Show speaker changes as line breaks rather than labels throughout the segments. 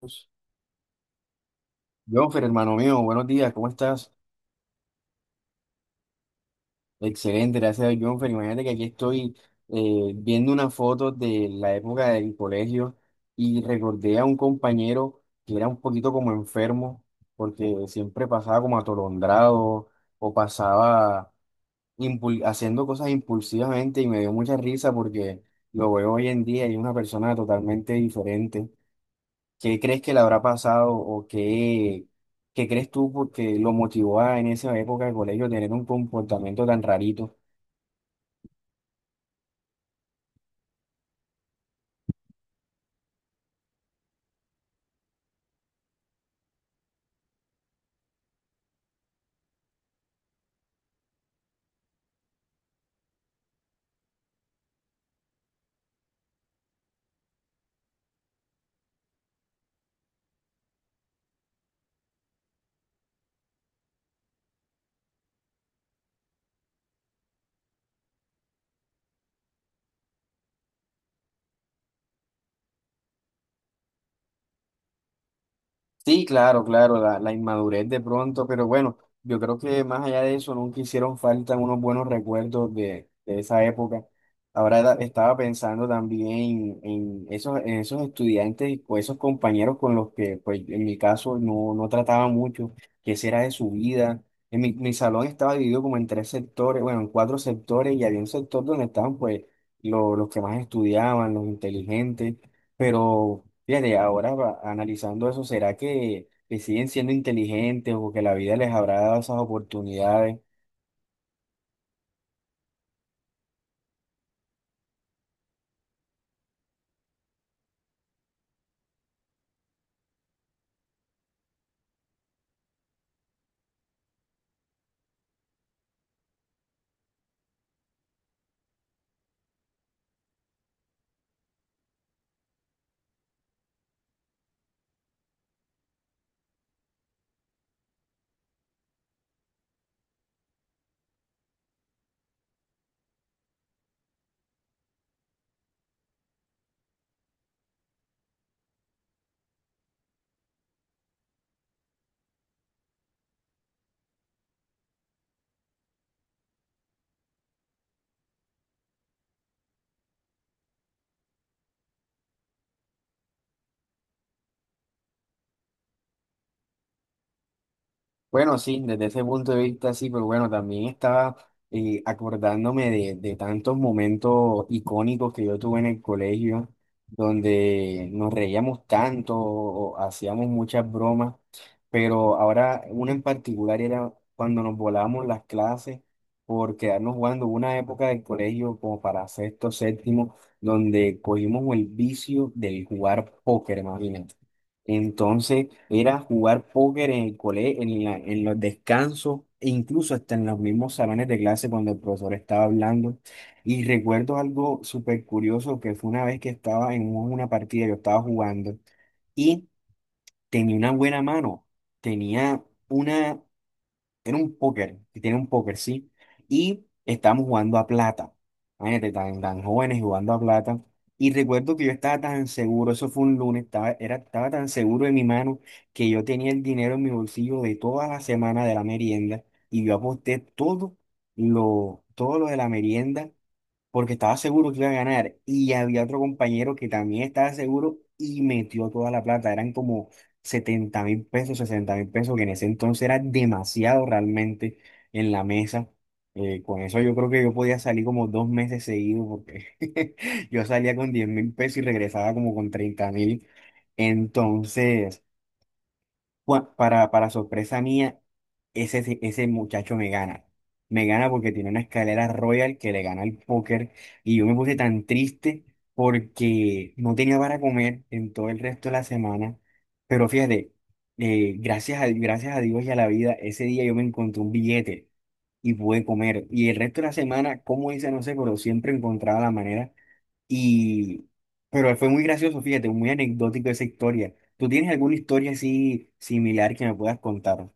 Dios. Jonfer, hermano mío, buenos días, ¿cómo estás? Excelente, gracias, Jonfer. Imagínate que aquí estoy viendo una foto de la época del colegio y recordé a un compañero que era un poquito como enfermo, porque siempre pasaba como atolondrado o pasaba haciendo cosas impulsivamente, y me dio mucha risa porque lo veo hoy en día y es una persona totalmente diferente. ¿Qué crees que le habrá pasado o qué, qué crees tú porque lo motivó a en esa época de colegio tener un comportamiento tan rarito? Sí, claro, claro, la inmadurez de pronto, pero bueno, yo creo que más allá de eso, nunca hicieron falta unos buenos recuerdos de esa época. Estaba pensando también en esos estudiantes o esos compañeros con los que, pues en mi caso, no, no trataba mucho, qué será de su vida. En mi, mi salón estaba dividido como en tres sectores, bueno, en cuatro sectores, y había un sector donde estaban, pues, los que más estudiaban, los inteligentes. Pero fíjate, ahora analizando eso, ¿será que siguen siendo inteligentes o que la vida les habrá dado esas oportunidades? Bueno, sí, desde ese punto de vista sí, pero bueno, también estaba acordándome de tantos momentos icónicos que yo tuve en el colegio, donde nos reíamos tanto, o hacíamos muchas bromas, pero ahora una en particular era cuando nos volábamos las clases por quedarnos jugando. Hubo una época del colegio como para sexto, séptimo, donde cogimos el vicio del jugar póker, imagínate. Entonces era jugar póker en el colegio, en en los descansos, e incluso hasta en los mismos salones de clase cuando el profesor estaba hablando. Y recuerdo algo súper curioso que fue una vez que estaba en una partida, yo estaba jugando y tenía una buena mano, tenía una, era un póker, que tiene un póker, sí. Y estábamos jugando a plata. Imagínate, tan, tan jóvenes jugando a plata. Y recuerdo que yo estaba tan seguro, eso fue un lunes, estaba, era, estaba tan seguro de mi mano que yo tenía el dinero en mi bolsillo de toda la semana de la merienda. Y yo aposté todo lo de la merienda porque estaba seguro que iba a ganar, y había otro compañero que también estaba seguro y metió toda la plata, eran como 70.000 pesos, 60.000 pesos, que en ese entonces era demasiado realmente, en la mesa. Con eso yo creo que yo podía salir como dos meses seguidos porque yo salía con 10.000 pesos y regresaba como con 30.000. Entonces... Bueno, para sorpresa mía, ese, ese muchacho me gana. Me gana porque tiene una escalera royal que le gana el póker. Y yo me puse tan triste porque no tenía para comer en todo el resto de la semana. Pero fíjate, gracias a, gracias a Dios y a la vida, ese día yo me encontré un billete y pude comer. Y el resto de la semana, como hice, no sé, pero siempre encontraba la manera, y, pero fue muy gracioso, fíjate, muy anecdótico esa historia. ¿Tú tienes alguna historia así similar que me puedas contar?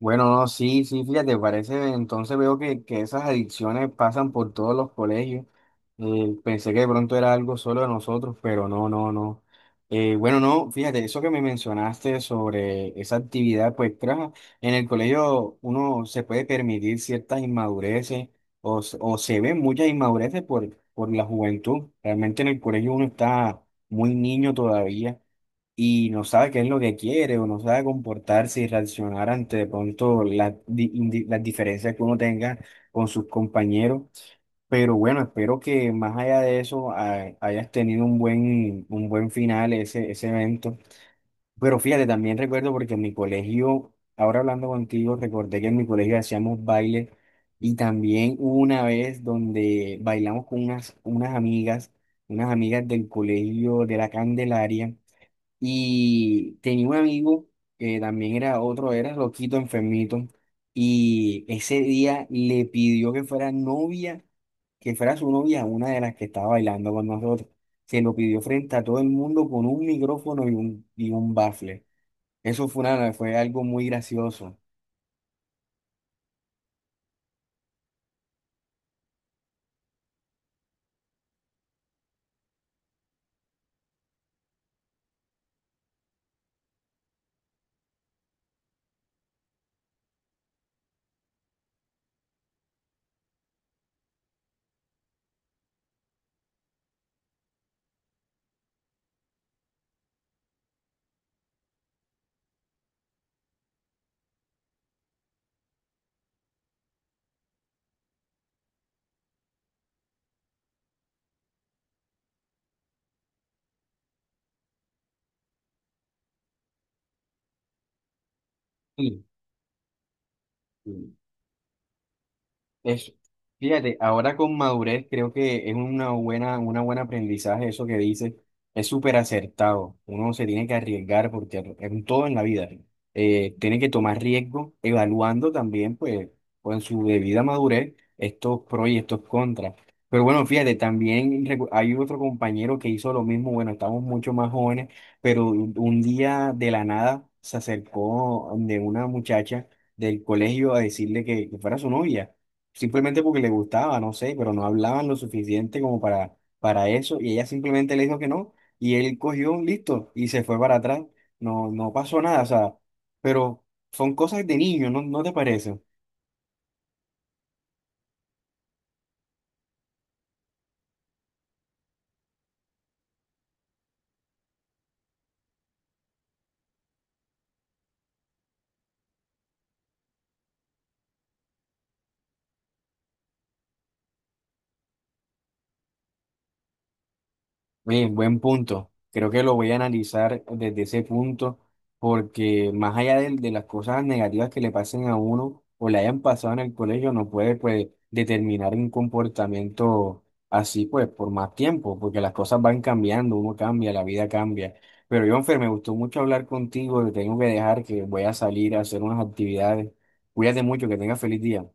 Bueno, no, sí, sí, fíjate, parece, entonces veo que esas adicciones pasan por todos los colegios. Pensé que de pronto era algo solo de nosotros, pero no, no, no. Bueno, no, fíjate, eso que me mencionaste sobre esa actividad, pues claro, en el colegio uno se puede permitir ciertas inmadureces o, o se ven muchas inmadureces por la juventud. Realmente en el colegio uno está muy niño todavía y no sabe qué es lo que quiere o no sabe comportarse y reaccionar ante de pronto las, las diferencias que uno tenga con sus compañeros. Pero bueno, espero que más allá de eso hayas tenido un buen final ese, ese evento. Pero fíjate, también recuerdo porque en mi colegio, ahora hablando contigo, recordé que en mi colegio hacíamos baile y también hubo una vez donde bailamos con unas, unas amigas del colegio de la Candelaria. Y tenía un amigo que también era otro, era loquito, enfermito. Y ese día le pidió que fuera novia, que fuera su novia, una de las que estaba bailando con nosotros. Se lo pidió frente a todo el mundo con un micrófono y un bafle. Eso fue, una, fue algo muy gracioso. Sí. Es, fíjate, ahora con madurez creo que es una buena aprendizaje eso que dices. Es súper acertado. Uno se tiene que arriesgar porque en todo en la vida tiene que tomar riesgo, evaluando también, pues, con su debida madurez, estos pros y estos contras. Pero bueno, fíjate, también hay otro compañero que hizo lo mismo. Bueno, estamos mucho más jóvenes, pero un día de la nada se acercó de una muchacha del colegio a decirle que fuera su novia simplemente porque le gustaba, no sé, pero no hablaban lo suficiente como para eso, y ella simplemente le dijo que no, y él cogió un listo y se fue para atrás, no, no pasó nada, o sea, pero son cosas de niño, ¿no, no te parece? Bien, buen punto. Creo que lo voy a analizar desde ese punto, porque más allá de, las cosas negativas que le pasen a uno o le hayan pasado en el colegio, no puede pues determinar un comportamiento así pues por más tiempo, porque las cosas van cambiando, uno cambia, la vida cambia. Pero Jonfer, me gustó mucho hablar contigo, te tengo que dejar que voy a salir a hacer unas actividades. Cuídate mucho, que tengas feliz día.